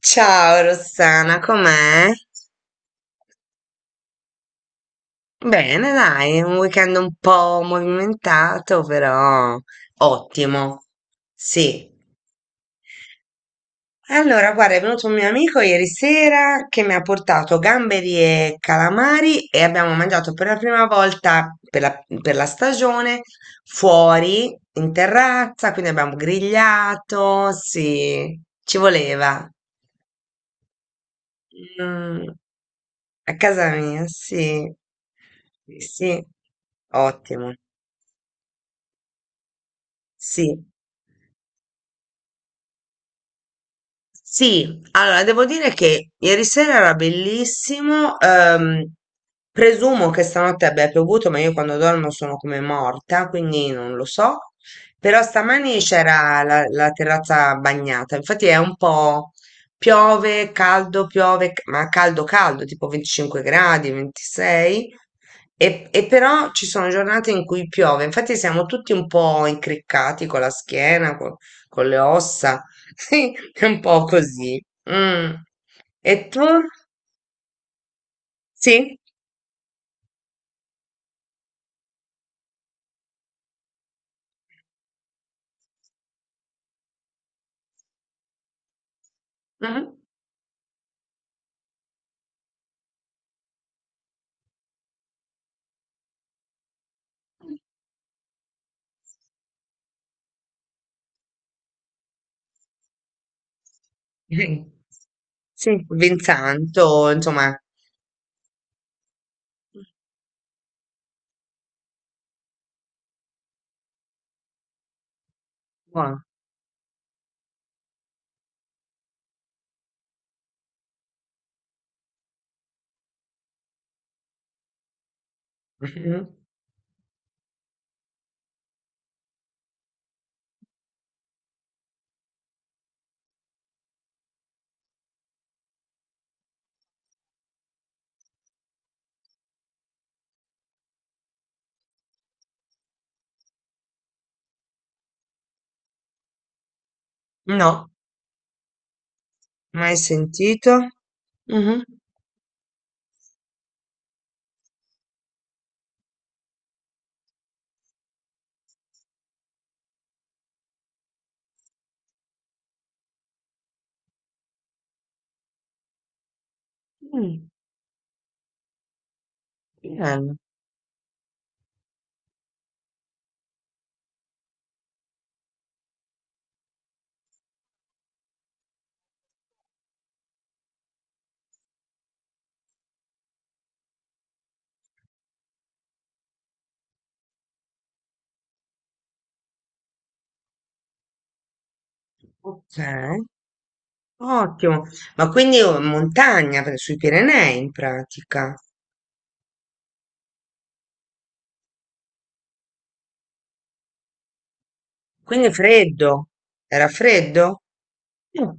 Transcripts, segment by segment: Ciao Rossana, com'è? Bene, dai, un weekend un po' movimentato, però ottimo. Sì. Allora, guarda, è venuto un mio amico ieri sera che mi ha portato gamberi e calamari e abbiamo mangiato per la prima volta per la stagione fuori in terrazza, quindi abbiamo grigliato, sì, ci voleva. Mm, a casa mia, sì, sì. Sì, ottimo, sì. Sì, allora devo dire che ieri sera era bellissimo. Presumo che stanotte abbia piovuto, ma io quando dormo sono come morta, quindi non lo so. Però stamani c'era la terrazza bagnata. Infatti è un po' piove, caldo, piove, ma caldo, caldo, tipo 25 gradi, 26. E però ci sono giornate in cui piove. Infatti siamo tutti un po' incriccati con la schiena, con le ossa. Sì, è un po' così. Mm. E tu? Sì? Mhm. Mhm. Sì, Vinsanto, insomma. Qua. Mhm. No, mai sentito. Mhm. Mm, bello. Ok, ottimo. Ma quindi è in montagna, sui Pirenei in pratica. Quindi è freddo. Era freddo? Mm.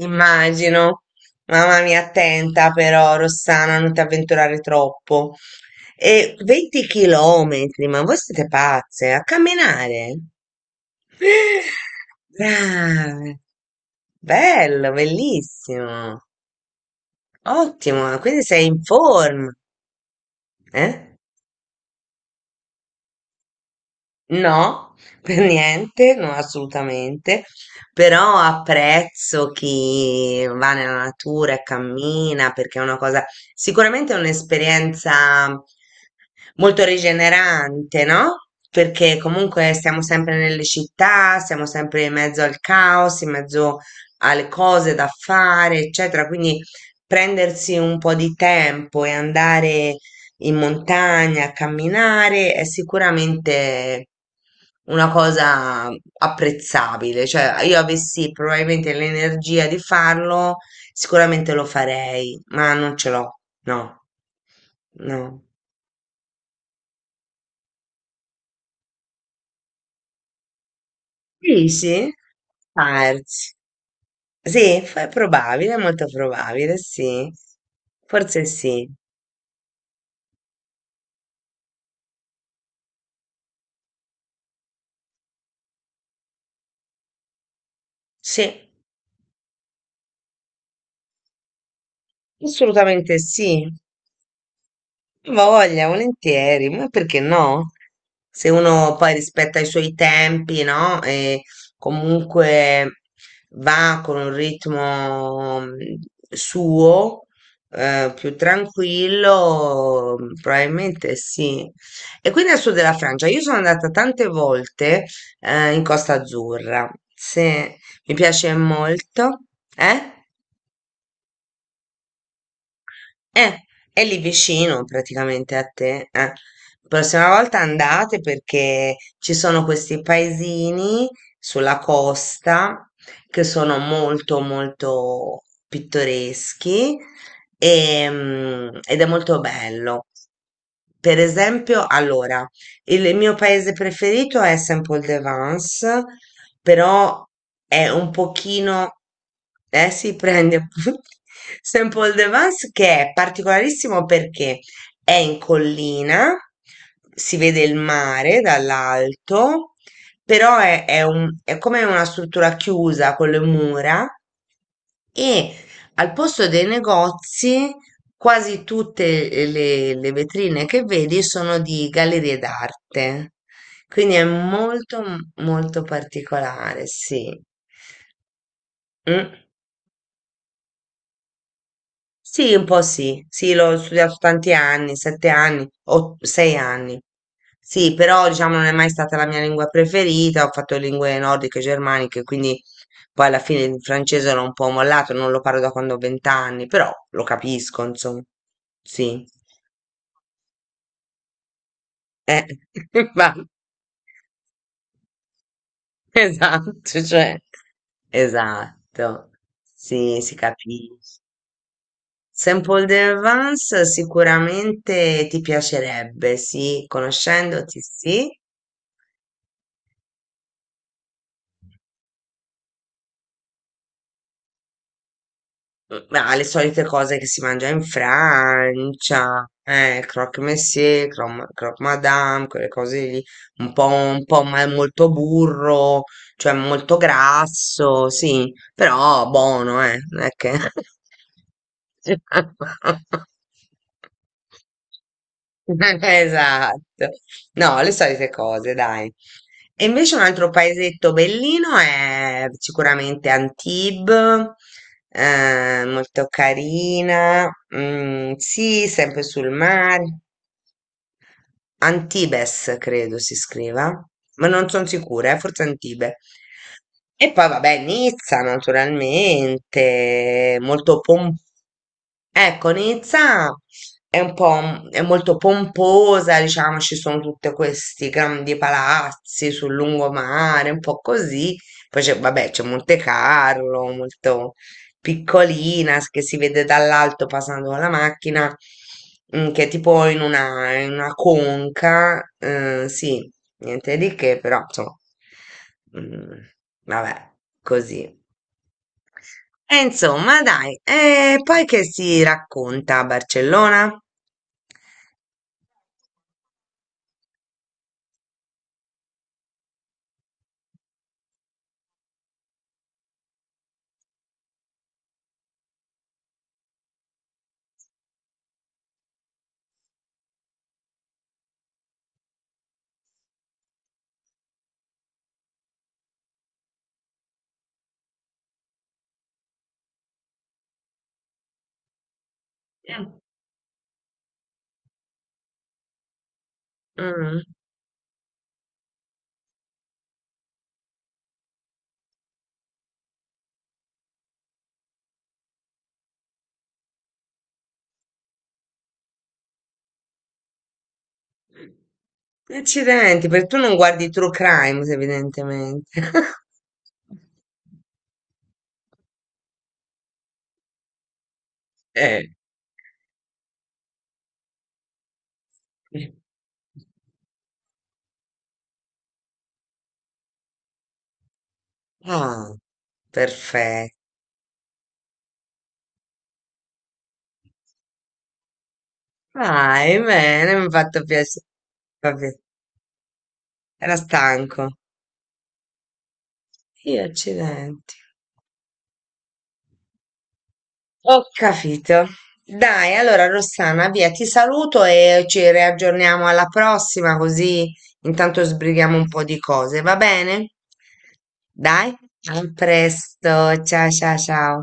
Immagino. Mamma mia, attenta però, Rossana, non ti avventurare troppo. E 20 chilometri, ma voi siete pazze, a camminare? Brave, bello, bellissimo, ottimo, quindi sei in forma, eh? No, per niente, no, assolutamente, però apprezzo chi va nella natura e cammina perché è una cosa, sicuramente è un'esperienza molto rigenerante, no? Perché comunque stiamo sempre nelle città, siamo sempre in mezzo al caos, in mezzo alle cose da fare, eccetera, quindi prendersi un po' di tempo e andare in montagna, a camminare, è sicuramente una cosa apprezzabile. Cioè, io avessi probabilmente l'energia di farlo, sicuramente lo farei, ma non ce l'ho, no, no. Sì, sì? Arts. Sì, è probabile, è molto probabile, sì. Forse sì. Sì, assolutamente sì. Voglia, volentieri, ma perché no? Se uno poi rispetta i suoi tempi, no? E comunque va con un ritmo suo, più tranquillo, probabilmente sì. E quindi al sud della Francia, io sono andata tante volte, in Costa Azzurra, se mi piace molto, eh? Eh, è lì vicino praticamente a te. Prossima volta andate perché ci sono questi paesini sulla costa che sono molto molto pittoreschi, ed è molto bello. Per esempio, allora, il mio paese preferito è Saint-Paul-de-Vence, però è un pochino, si prende appunto. Saint-Paul de Vence che è particolarissimo perché è in collina, si vede il mare dall'alto, però è come una struttura chiusa con le mura e al posto dei negozi, quasi tutte le vetrine che vedi sono di gallerie d'arte. Quindi è molto, molto particolare, sì. Mm. Sì, un po' sì, sì, l'ho studiato tanti anni, 7 anni o 6 anni. Sì, però diciamo non è mai stata la mia lingua preferita, ho fatto lingue nordiche e germaniche, quindi poi alla fine il francese l'ho un po' mollato, non lo parlo da quando ho 20 anni, però lo capisco, insomma. Sì, eh, va, esatto, cioè, esatto, sì, si capisce. Sample Vance sicuramente ti piacerebbe, sì, conoscendoti, sì. Ma le solite cose che si mangia in Francia, croque monsieur, croque madame, quelle cose lì, un po', molto burro, cioè molto grasso, sì, però buono, non è che. Esatto, no, le solite cose, dai. E invece un altro paesetto bellino è sicuramente Antibes, molto carina, sì, sempre sul mare. Antibes, credo si scriva, ma non sono sicura, forse Antibes. E poi, vabbè, Nizza, naturalmente, molto pomposa. Ecco, Nizza è un po', è molto pomposa, diciamo, ci sono tutti questi grandi palazzi sul lungomare, un po' così. Poi c'è, vabbè, c'è Monte Carlo, molto piccolina, che si vede dall'alto passando con la macchina, che è tipo in una conca, sì, niente di che, però, insomma, mm, vabbè, così. E insomma, dai, e poi che si racconta a Barcellona? Mm. Mm. Accidenti, perché tu non guardi True Crime, evidentemente. Eh. Sì. Ah, perfetto. Vai, bene, mi ha fatto piacere. Vabbè, era stanco. Io, accidenti. Ho capito. Dai, allora Rossana, via, ti saluto e ci riaggiorniamo alla prossima, così intanto sbrighiamo un po' di cose, va bene? Dai, a presto. Ciao, ciao, ciao.